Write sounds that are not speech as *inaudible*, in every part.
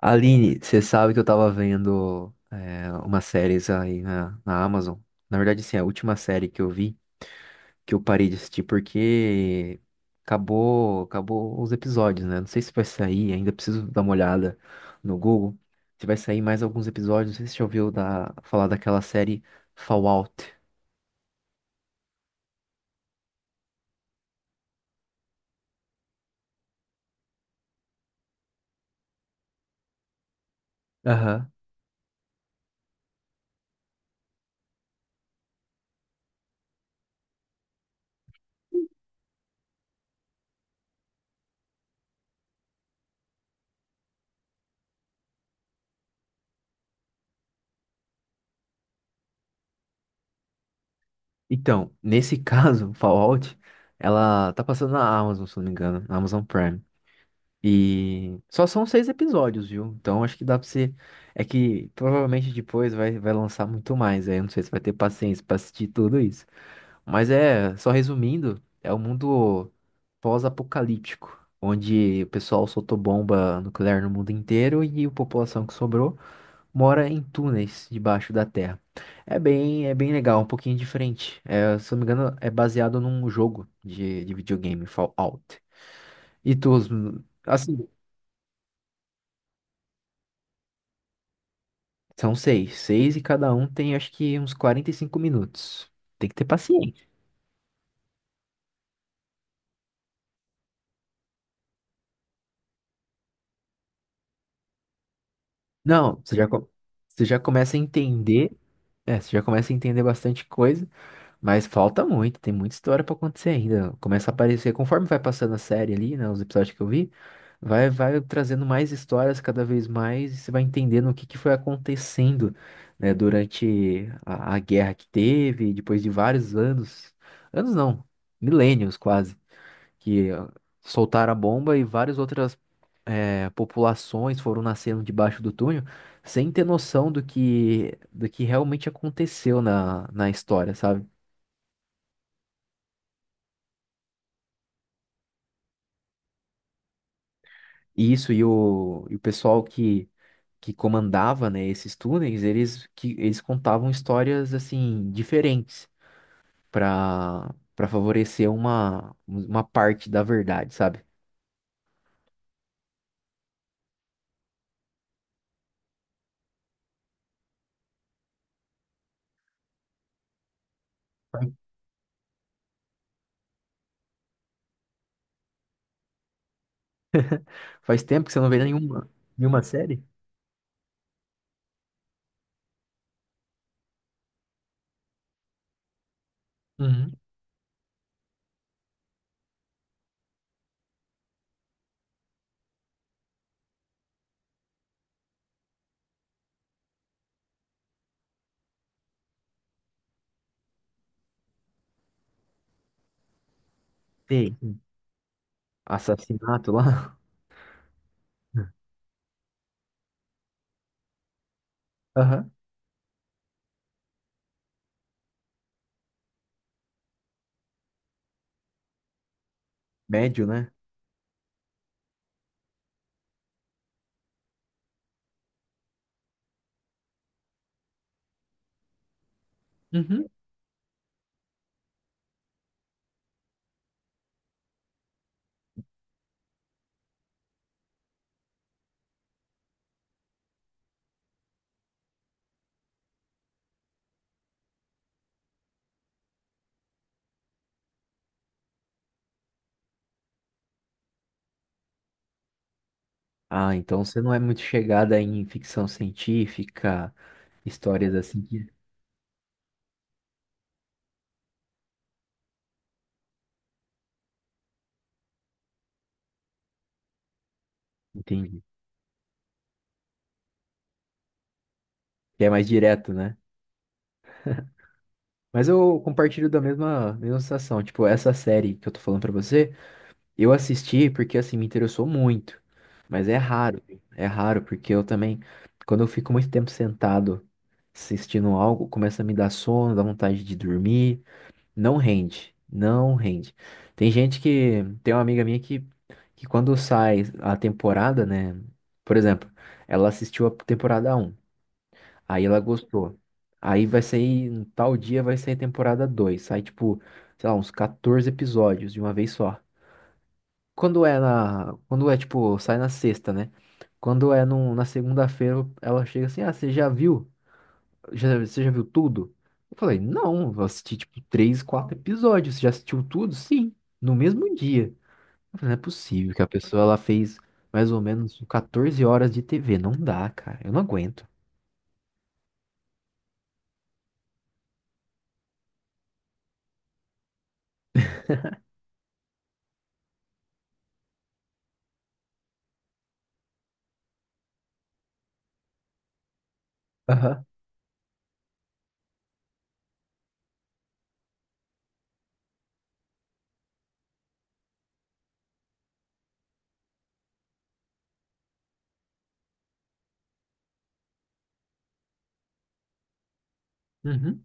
Aline, você sabe que eu tava vendo umas séries aí na Amazon. Na verdade, sim, a última série que eu vi, que eu parei de assistir porque acabou os episódios, né? Não sei se vai sair, ainda preciso dar uma olhada no Google. Se vai sair mais alguns episódios, não sei se você já ouviu falar daquela série Fallout. Aham. Então, nesse caso, *laughs* Fallout, ela tá passando na Amazon, se não me engano, na Amazon Prime. E só são 6 episódios, viu? Então acho que dá pra você. É que provavelmente depois vai lançar muito mais. Aí eu não sei se vai ter paciência pra assistir tudo isso. Mas é, só resumindo, é um mundo pós-apocalíptico, onde o pessoal soltou bomba nuclear no mundo inteiro e a população que sobrou mora em túneis debaixo da terra. É bem legal, um pouquinho diferente. É, se eu não me engano, é baseado num jogo de videogame, Fallout. E tu, assim, São seis. Seis e cada um tem, acho que, uns 45 minutos. Tem que ter paciência. Não, você já começa a entender. É, você já começa a entender bastante coisa, mas falta muito, tem muita história pra acontecer ainda. Começa a aparecer, conforme vai passando a série ali, né, os episódios que eu vi, vai trazendo mais histórias cada vez mais, e você vai entendendo o que que foi acontecendo, né, durante a guerra que teve, depois de vários anos, anos não, milênios quase que soltaram a bomba e várias outras populações foram nascendo debaixo do túnel sem ter noção do que realmente aconteceu na história, sabe? E isso e o pessoal que comandava, né, esses túneis, eles, que, eles contavam histórias, assim, diferentes para favorecer uma parte da verdade, sabe? Faz tempo que você não vê nenhuma, nenhuma série? Uhum. Tem assassinato lá. Aham. Médio, né? Uhum. Ah, então você não é muito chegada em ficção científica, histórias assim que. Entendi. Que é mais direto, né? Mas eu compartilho da mesma, mesma sensação. Tipo, essa série que eu tô falando pra você, eu assisti porque, assim, me interessou muito. Mas é raro. É raro, porque eu também, quando eu fico muito tempo sentado assistindo algo, começa a me dar sono, dá vontade de dormir. Não rende, não rende. Tem gente que, tem uma amiga minha que quando sai a temporada, né? Por exemplo, ela assistiu a temporada um, aí ela gostou. Aí vai sair, em tal dia vai sair a temporada 2, sai tipo, sei lá, uns 14 episódios de uma vez só. Quando é na, quando é tipo, sai na sexta, né? Quando é no, na segunda-feira, ela chega assim, ah, você já viu? Já, você já viu tudo? Eu falei, não, eu assisti tipo três, quatro episódios. Você já assistiu tudo? Sim, no mesmo dia. Eu falei, não é possível que a pessoa ela fez mais ou menos 14 horas de TV. Não dá, cara. Eu não aguento. Aham. Uhum.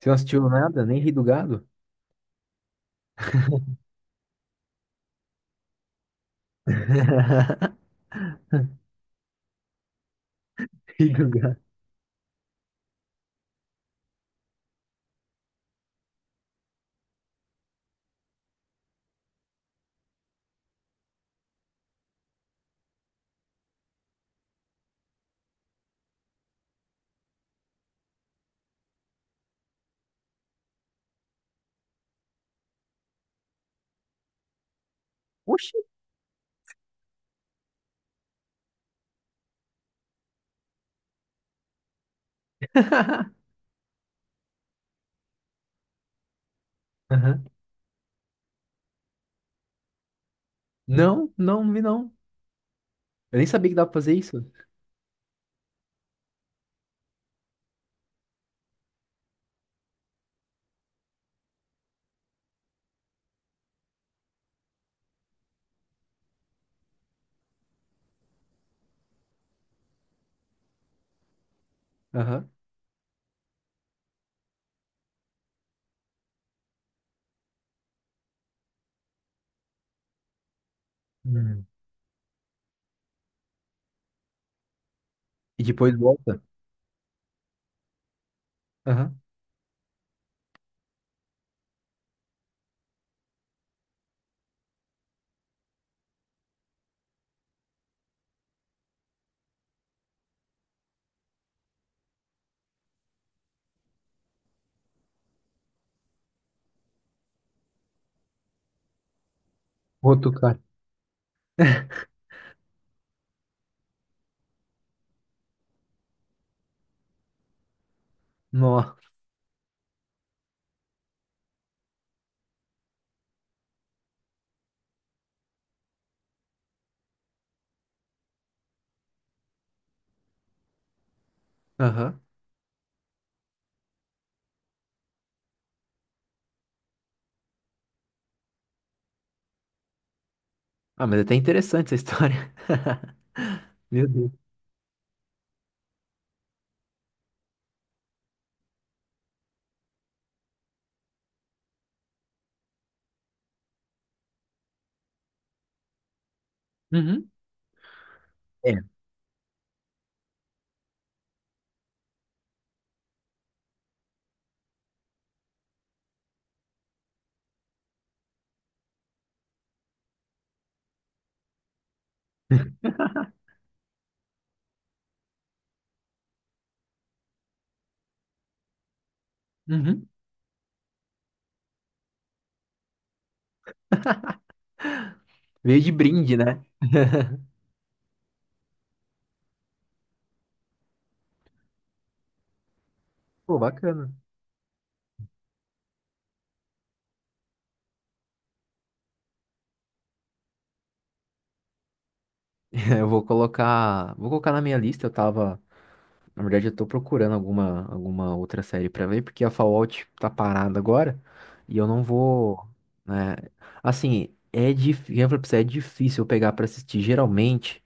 Você não assistiu nada, nem Ri do Gado? *laughs* Ih, do gato. Oxi! *laughs* Aham. Não, não, não vi não. Eu nem sabia que dava pra fazer isso. Aham. Hum. E depois volta. Aham. Outro cara. Nossa. Ah, mas é até interessante essa história. *laughs* Meu Deus. Uhum, é, uhum. Veio de brinde, né? Pô, bacana. *laughs* Eu vou vou colocar na minha lista. Eu tava, na verdade, eu tô procurando alguma outra série pra ver, porque a Fallout tá parada agora e eu não vou, né? Assim, é difícil, eu falei pra você, é difícil eu pegar pra assistir. Geralmente,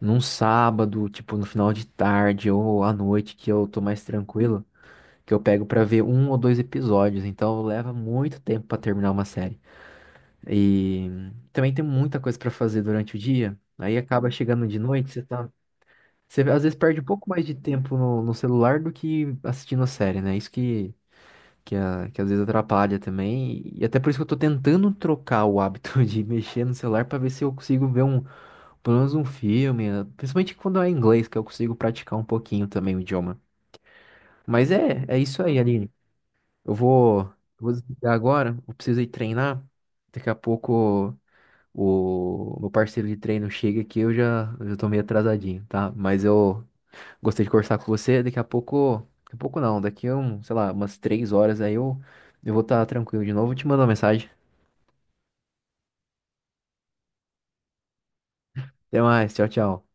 num sábado, tipo, no final de tarde ou à noite, que eu tô mais tranquilo. Que eu pego pra ver um ou dois episódios, então leva muito tempo pra terminar uma série. E também tem muita coisa pra fazer durante o dia, aí acaba chegando de noite, você tá, você às vezes perde um pouco mais de tempo no celular do que assistindo a série, né? Isso que que às vezes atrapalha também, e até por isso que eu tô tentando trocar o hábito *laughs* de mexer no celular pra ver se eu consigo ver um, pelo menos um filme, principalmente quando é em inglês, que eu consigo praticar um pouquinho também o idioma. Mas é, é isso aí, Aline. Eu vou desligar agora, eu preciso ir treinar. Daqui a pouco o meu parceiro de treino chega aqui, eu já tô meio atrasadinho, tá? Mas eu gostei de conversar com você. Daqui a pouco não, daqui a um, sei lá, umas 3 horas aí eu vou estar tranquilo de novo. Eu te mando uma mensagem. Até mais, tchau, tchau.